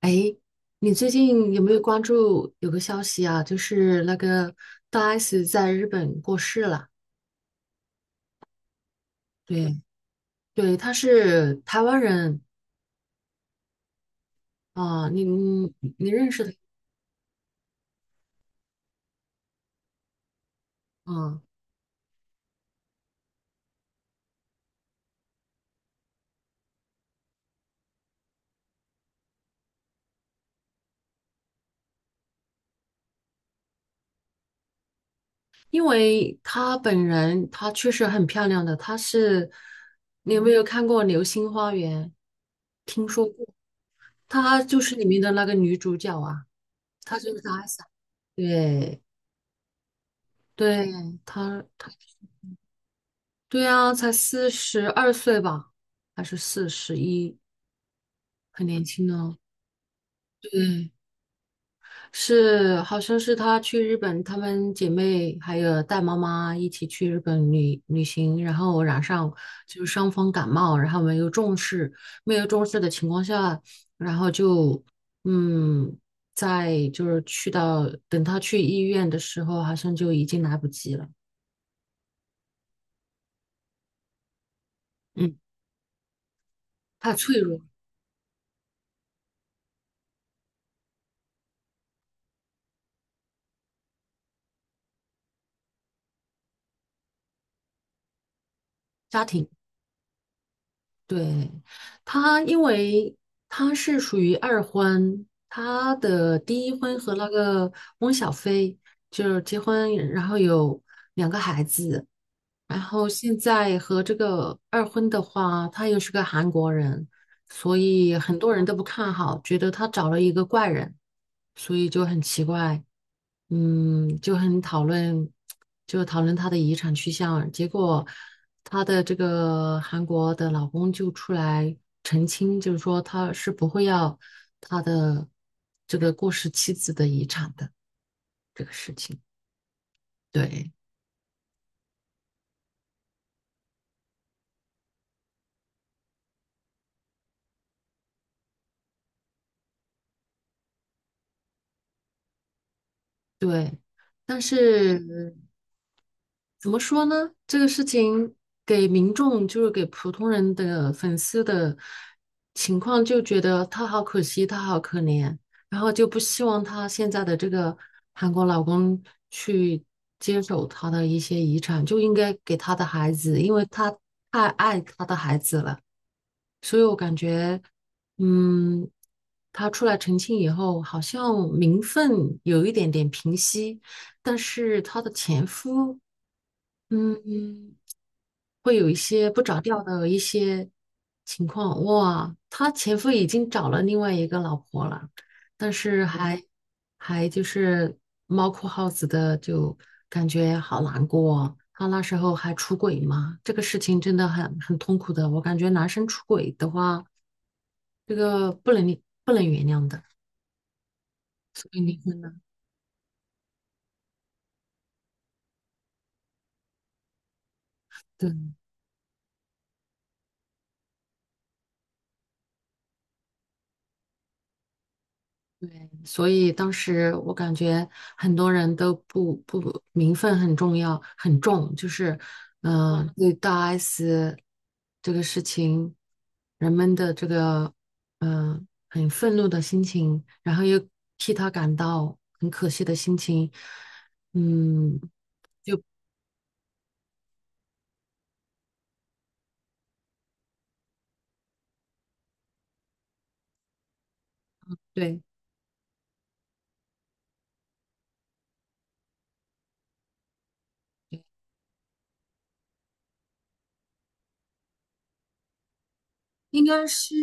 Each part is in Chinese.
哎，你最近有没有关注有个消息啊？就是那个大 S 在日本过世了。对对，她是台湾人啊，你认识的啊？因为她本人她确实很漂亮的，你有没有看过《流星花园》？听说过，她就是里面的那个女主角啊，她就是大 S 啊。对对，她。对呀，才42岁吧，还是41，很年轻呢。对，是，好像是她去日本，她们姐妹还有带妈妈一起去日本旅行，然后染上就是伤风感冒，然后没有重视，没有重视的情况下，然后就嗯，在就是去到等她去医院的时候，好像就已经来不及了。嗯，太脆弱了家庭。对，因为他是属于二婚，他的第一婚和那个翁小飞就是结婚，然后有两个孩子，然后现在和这个二婚的话，他又是个韩国人，所以很多人都不看好，觉得他找了一个怪人，所以就很奇怪，就很讨论，就讨论他的遗产去向，结果。她的这个韩国的老公就出来澄清，就是说他是不会要他的这个过世妻子的遗产的这个事情。对对，但是怎么说呢？这个事情给民众，就是给普通人的粉丝的情况，就觉得他好可惜，他好可怜，然后就不希望他现在的这个韩国老公去接手他的一些遗产，就应该给他的孩子，因为他太爱他的孩子了。所以我感觉，嗯，他出来澄清以后，好像名分有一点点平息，但是她的前夫。嗯，会有一些不着调的一些情况。哇，她前夫已经找了另外一个老婆了，但是还就是猫哭耗子的，就感觉好难过他那时候还出轨嘛，这个事情真的很痛苦的。我感觉男生出轨的话，这个不能原谅的。对对对，所以当时我感觉很多人都不名分很重要很重，就是对大 S 这个事情，人们的这个嗯、呃很愤怒的心情，然后又替他感到很可惜的心情，嗯，对，应该是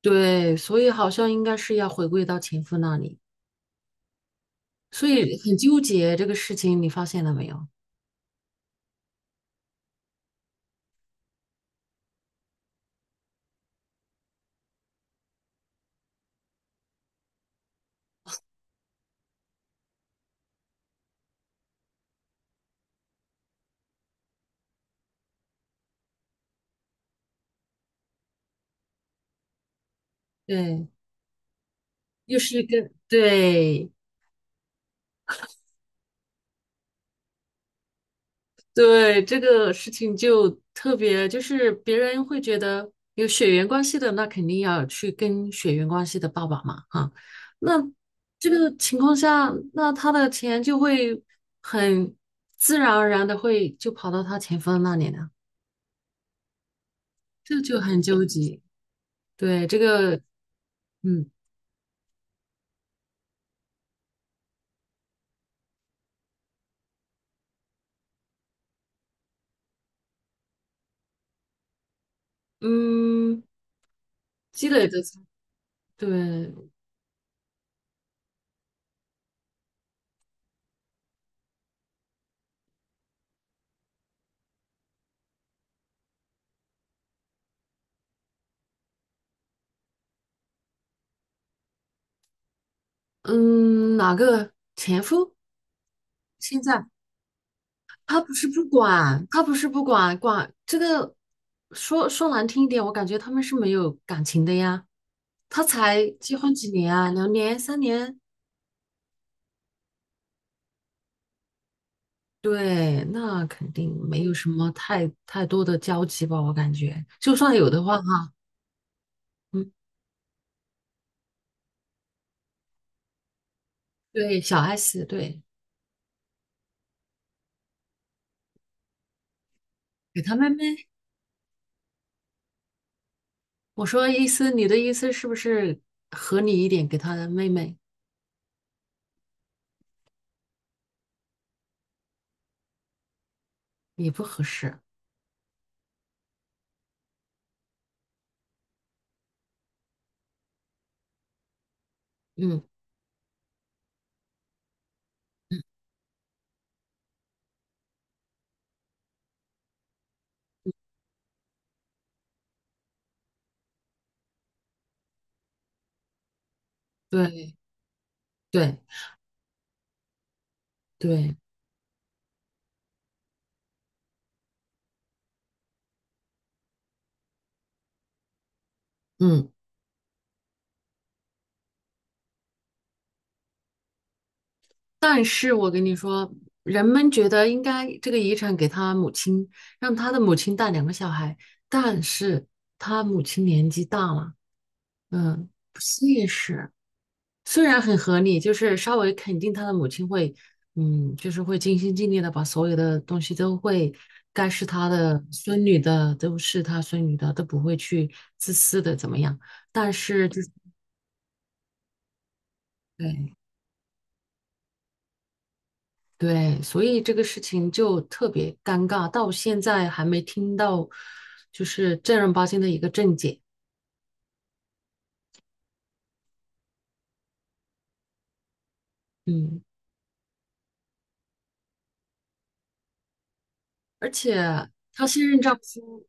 对，所以好像应该是要回归到前夫那里，所以很纠结这个事情，你发现了没有？对，又是跟，对对，这个事情就特别，就是别人会觉得有血缘关系的，那肯定要去跟血缘关系的爸爸嘛，哈、那这个情况下，那他的钱就会很自然而然的会就跑到他前夫那里了，这就很纠结。对，这个，嗯嗯，积累的财对，嗯，哪个前夫？现在？他不是不管，管这个说说难听一点，我感觉他们是没有感情的呀。他才结婚几年啊，2年、3年，对，那肯定没有什么太多的交集吧，我感觉。就算有的话，哈，嗯，对，小 S，对，给他妹妹。我说意思，你的意思是不是合理一点，给他的妹妹也不合适？嗯，对，对，对，嗯。但是我跟你说，人们觉得应该这个遗产给他母亲，让他的母亲带两个小孩，但是他母亲年纪大了，不现实。虽然很合理，就是稍微肯定他的母亲会，就是会尽心尽力的把所有的东西都会，该是他的孙女的都是他孙女的，都不会去自私的怎么样。但是就是对。对，所以这个事情就特别尴尬，到现在还没听到就是正儿八经的一个正解。嗯，而且她现任丈夫，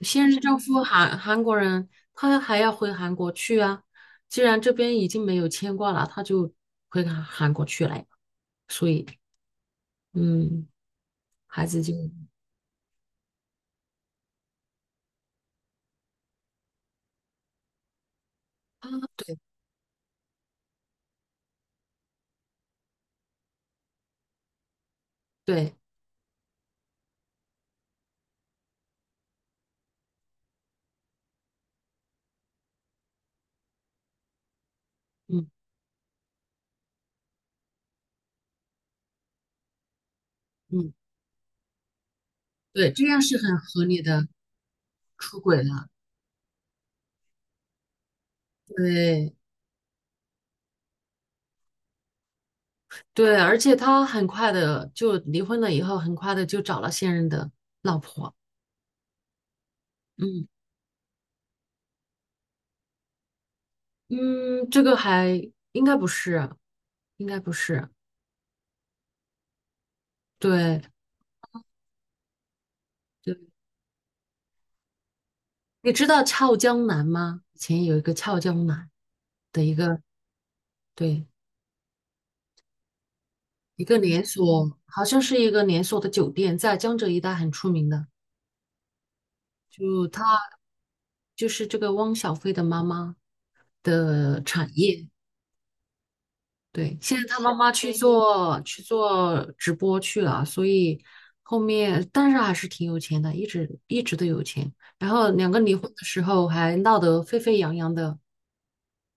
现任丈夫韩国人，他还要回韩国去啊。既然这边已经没有牵挂了，他就回韩国去了呀。所以，嗯，孩子就啊，对对，嗯嗯，对，这样是很合理的出轨了。对。对，而且他很快的就离婚了，以后很快的就找了现任的老婆。嗯嗯，这个还应该不是，应该不是。对对，你知道俏江南吗？以前有一个俏江南的一个，对，一个连锁，好像是一个连锁的酒店，在江浙一带很出名的。就他就是这个汪小菲的妈妈的产业。对，现在他妈去做直播去了，所以后面但是还是挺有钱的，一直一直都有钱。然后两个离婚的时候还闹得沸沸扬扬的，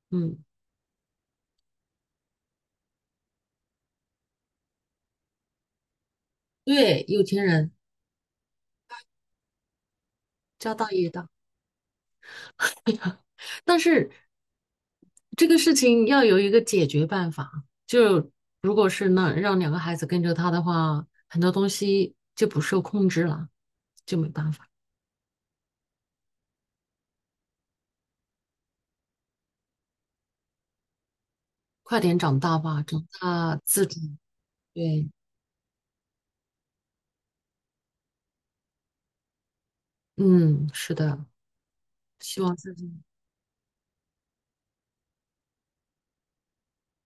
嗯，对，有钱人家大业大。但是这个事情要有一个解决办法，就如果是那让两个孩子跟着他的话，很多东西就不受控制了，就没办法，快点长大吧，长大自主，对。嗯，是的，希望自己，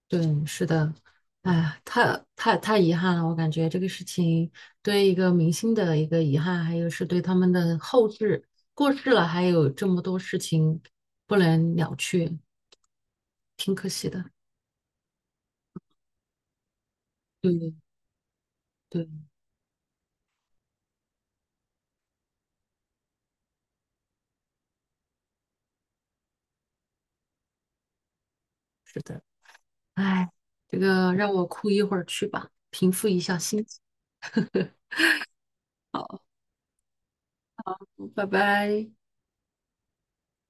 对，是的，哎呀，太遗憾了，我感觉这个事情对一个明星的一个遗憾，还有是对他们的后世过世了，还有这么多事情不能了却，挺可惜的。对对，是的，哎，这个让我哭一会儿去吧，平复一下心情，拜拜。